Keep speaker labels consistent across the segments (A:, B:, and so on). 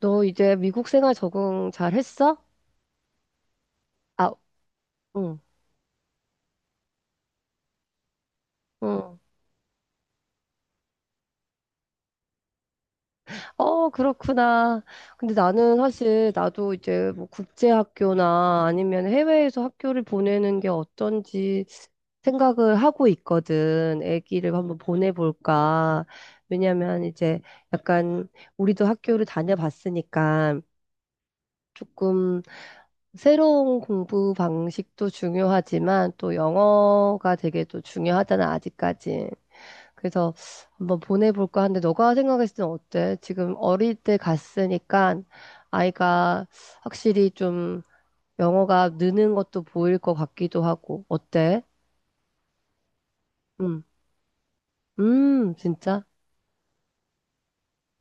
A: 너 이제 미국 생활 적응 잘 했어? 아, 응, 응. 어, 그렇구나. 근데 나는 사실 나도 이제 뭐 국제학교나 아니면 해외에서 학교를 보내는 게 어떤지 생각을 하고 있거든. 아기를 한번 보내볼까. 왜냐면 이제 약간 우리도 학교를 다녀봤으니까 조금 새로운 공부 방식도 중요하지만 또 영어가 되게 또 중요하잖아, 아직까지. 그래서 한번 보내볼까 하는데 너가 생각했을 땐 어때? 지금 어릴 때 갔으니까 아이가 확실히 좀 영어가 느는 것도 보일 것 같기도 하고 어때? 음, 진짜?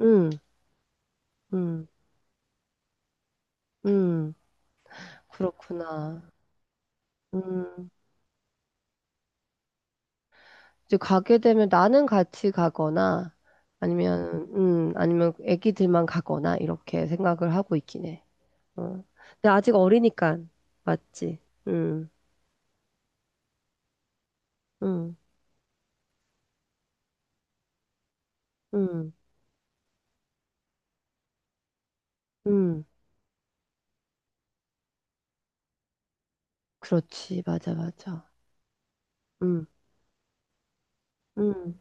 A: 음, 음, 음, 그렇구나. 음, 이제 가게 되면 나는 같이 가거나 아니면 아니면 애기들만 가거나 이렇게 생각을 하고 있긴 해. 어. 근데 아직 어리니까 맞지? 음, 음. 음. 음, 그렇지. 맞아, 맞아. 음, 음,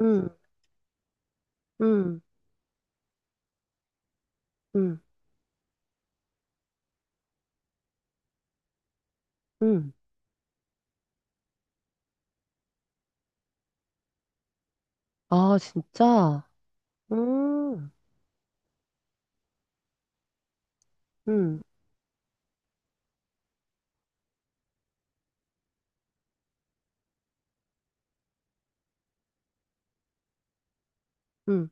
A: 음, 음, 음, 음. 아, 진짜? 음, 음, 음.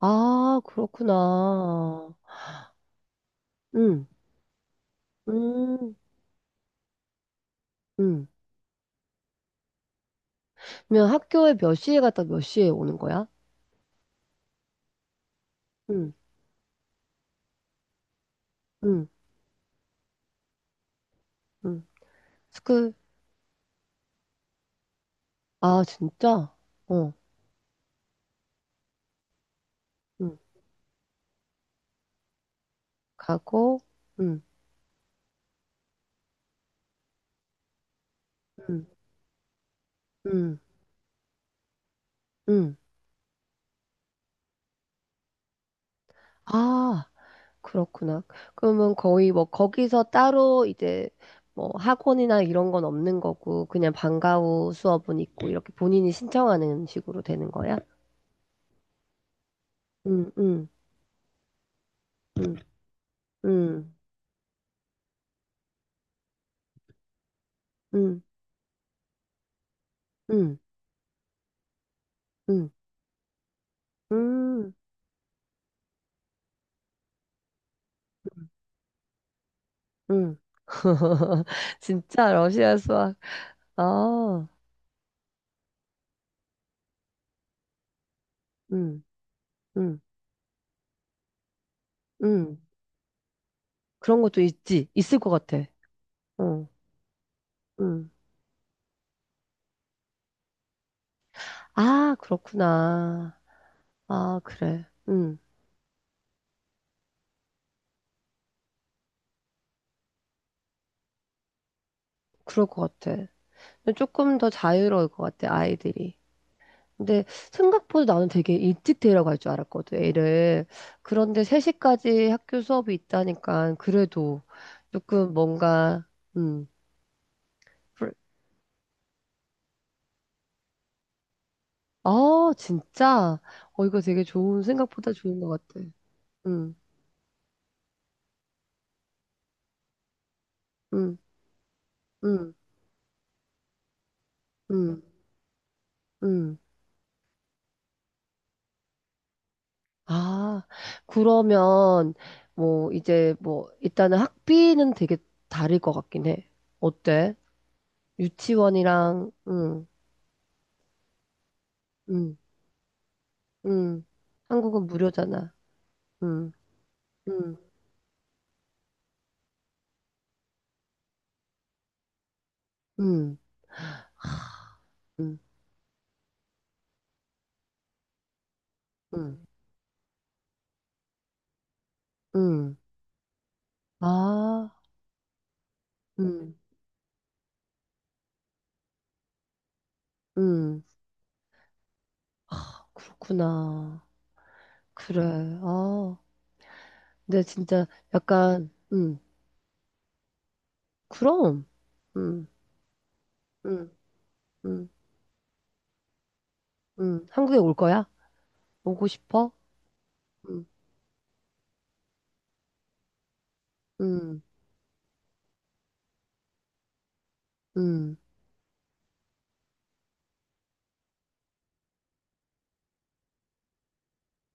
A: 아, 그렇구나. 음, 음, 음. 그러면 학교에 몇 시에 갔다 몇 시에 오는 거야? 음, 음, 음. 스쿨. 아, 진짜? 어, 음. 가고, 음, 음, 음, 음. 아. 그렇구나. 그러면 거의 뭐 거기서 따로 이제 뭐 학원이나 이런 건 없는 거고 그냥 방과 후 수업은 있고 이렇게 본인이 신청하는 식으로 되는 거야? 응, 응, 응, 응, 응, 응, 응, 응, 응. 진짜 러시아 수학. 아, 응, 응, 응. 그런 것도 있지. 있을 것 같아. 응, 응. 아, 그렇구나. 아, 그래. 응, 그럴 것 같아. 조금 더 자유로울 것 같아, 아이들이. 근데 생각보다 나는 되게 일찍 데리러 갈 줄 알았거든, 애를. 그런데 3시까지 학교 수업이 있다니까, 그래도 조금 뭔가, 음, 불- 아, 진짜? 어, 이거 되게 좋은, 생각보다 좋은 것 같아. 음, 음, 음, 음, 음. 아, 그러면, 뭐, 이제 뭐, 일단은 학비는 되게 다를 것 같긴 해. 어때? 유치원이랑, 응, 응. 음. 한국은 무료잖아. 음. 음. 음. 음. 음. 음. 아. 음. 음. 그렇구나. 그래. 아. 근데 진짜 약간 그럼. 음. 음. 음. 음. 한국에 올 거야? 오고 싶어? 음. 음. 음.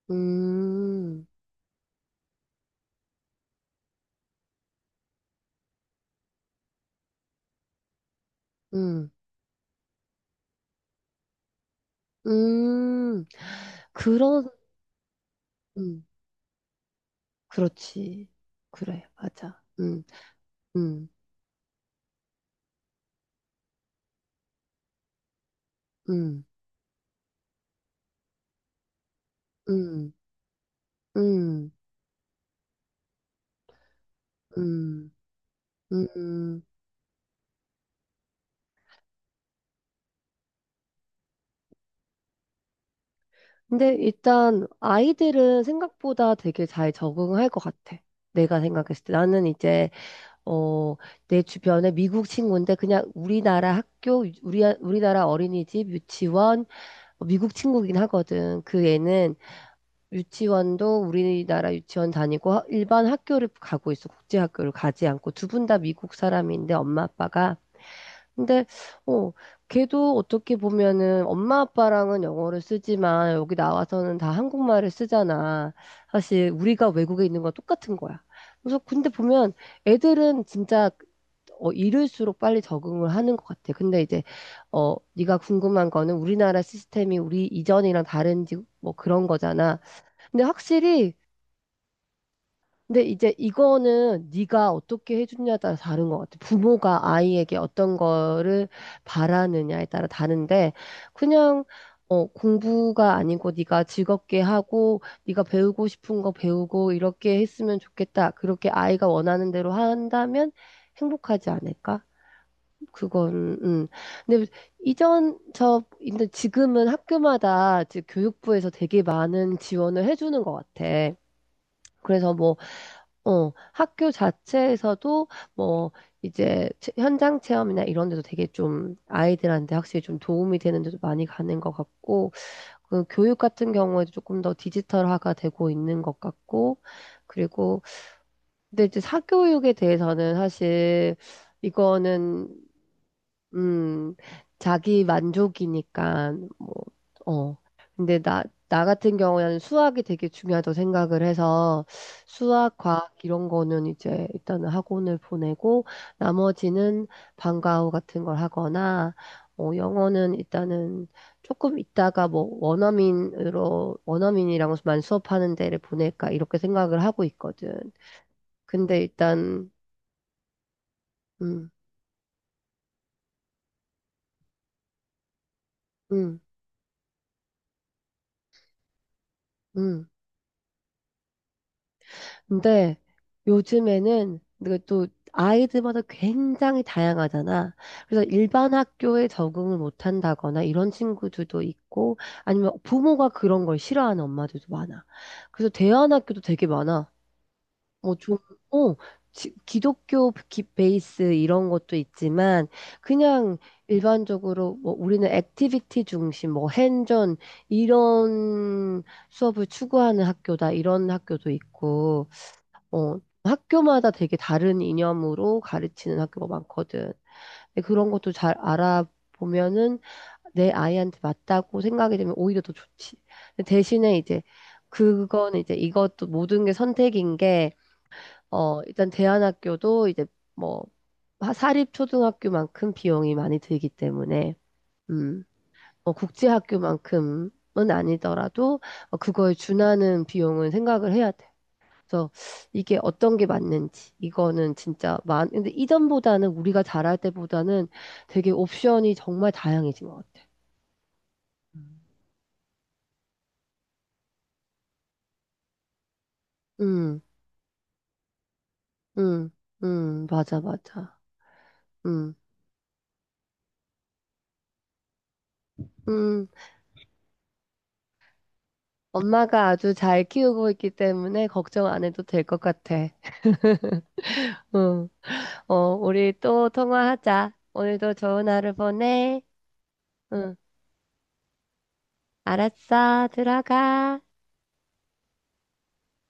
A: 음. 음. 음. 그런 음. 그렇지. 그래. 맞아. 음. 음. 음. 음. 음. 음, 음. 근데 일단 아이들은 생각보다 되게 잘 적응할 것 같아. 내가 생각했을 때. 나는 이제, 어, 내 주변에 미국 친구인데 그냥 우리나라 학교, 우리나라 어린이집, 유치원, 어, 미국 친구긴 하거든. 그 애는 유치원도 우리나라 유치원 다니고 일반 학교를 가고 있어. 국제학교를 가지 않고 두 분 다 미국 사람인데 엄마 아빠가. 근데 어, 걔도 어떻게 보면은 엄마 아빠랑은 영어를 쓰지만 여기 나와서는 다 한국말을 쓰잖아. 사실 우리가 외국에 있는 건 똑같은 거야. 그래서 근데 보면 애들은 진짜 어, 이를수록 빨리 적응을 하는 것 같아. 근데 이제 어, 네가 궁금한 거는 우리나라 시스템이 우리 이전이랑 다른지 뭐 그런 거잖아. 근데 확실히 근데 이제 이거는 네가 어떻게 해주냐에 따라 다른 것 같아. 부모가 아이에게 어떤 거를 바라느냐에 따라 다른데 그냥 어, 공부가 아니고 네가 즐겁게 하고 네가 배우고 싶은 거 배우고 이렇게 했으면 좋겠다. 그렇게 아이가 원하는 대로 한다면 행복하지 않을까? 그건 음. 근데 이전 저 근데 지금은 학교마다 교육부에서 되게 많은 지원을 해주는 것 같아. 그래서 뭐 어, 학교 자체에서도 뭐 이제 현장 체험이나 이런 데도 되게 좀 아이들한테 확실히 좀 도움이 되는 데도 많이 가는 것 같고, 그 교육 같은 경우에도 조금 더 디지털화가 되고 있는 것 같고, 그리고 근데 이제 사교육에 대해서는 사실 이거는 음, 자기 만족이니까, 뭐, 어. 근데 나 같은 경우에는 수학이 되게 중요하다고 생각을 해서 수학, 과학 이런 거는 이제 일단은 학원을 보내고 나머지는 방과 후 같은 걸 하거나 어, 영어는 일단은 조금 있다가 뭐 원어민이랑만 수업하는 데를 보낼까 이렇게 생각을 하고 있거든. 근데 일단, 음, 음, 음. 근데 요즘에는 이게 또 아이들마다 굉장히 다양하잖아. 그래서 일반 학교에 적응을 못 한다거나 이런 친구들도 있고 아니면 부모가 그런 걸 싫어하는 엄마들도 많아. 그래서 대안학교도 되게 많아. 뭐 좀, 어, 기독교 베이스 이런 것도 있지만 그냥 일반적으로 뭐 우리는 액티비티 중심, 뭐 핸전 이런 수업을 추구하는 학교다 이런 학교도 있고 어, 학교마다 되게 다른 이념으로 가르치는 학교가 많거든. 근데 그런 것도 잘 알아보면은 내 아이한테 맞다고 생각이 되면 오히려 더 좋지. 근데 대신에 이제 그건 이제 이것도 모든 게 선택인 게, 어, 일단 대안학교도 이제 뭐 사립 초등학교만큼 비용이 많이 들기 때문에, 음, 뭐 국제학교만큼은 아니더라도 어, 그거에 준하는 비용은 생각을 해야 돼. 그래서 이게 어떤 게 맞는지 이거는 진짜 많 근데 이전보다는 우리가 잘할 때보다는 되게 옵션이 정말 다양해진 것 같아. 음, 음, 맞아, 맞아. 음, 음, 엄마가 아주 잘 키우고 있기 때문에 걱정 안 해도 될 것 같아. 응, 어, 우리 또 통화하자. 오늘도 좋은 하루 보내. 응, 알았어, 들어가.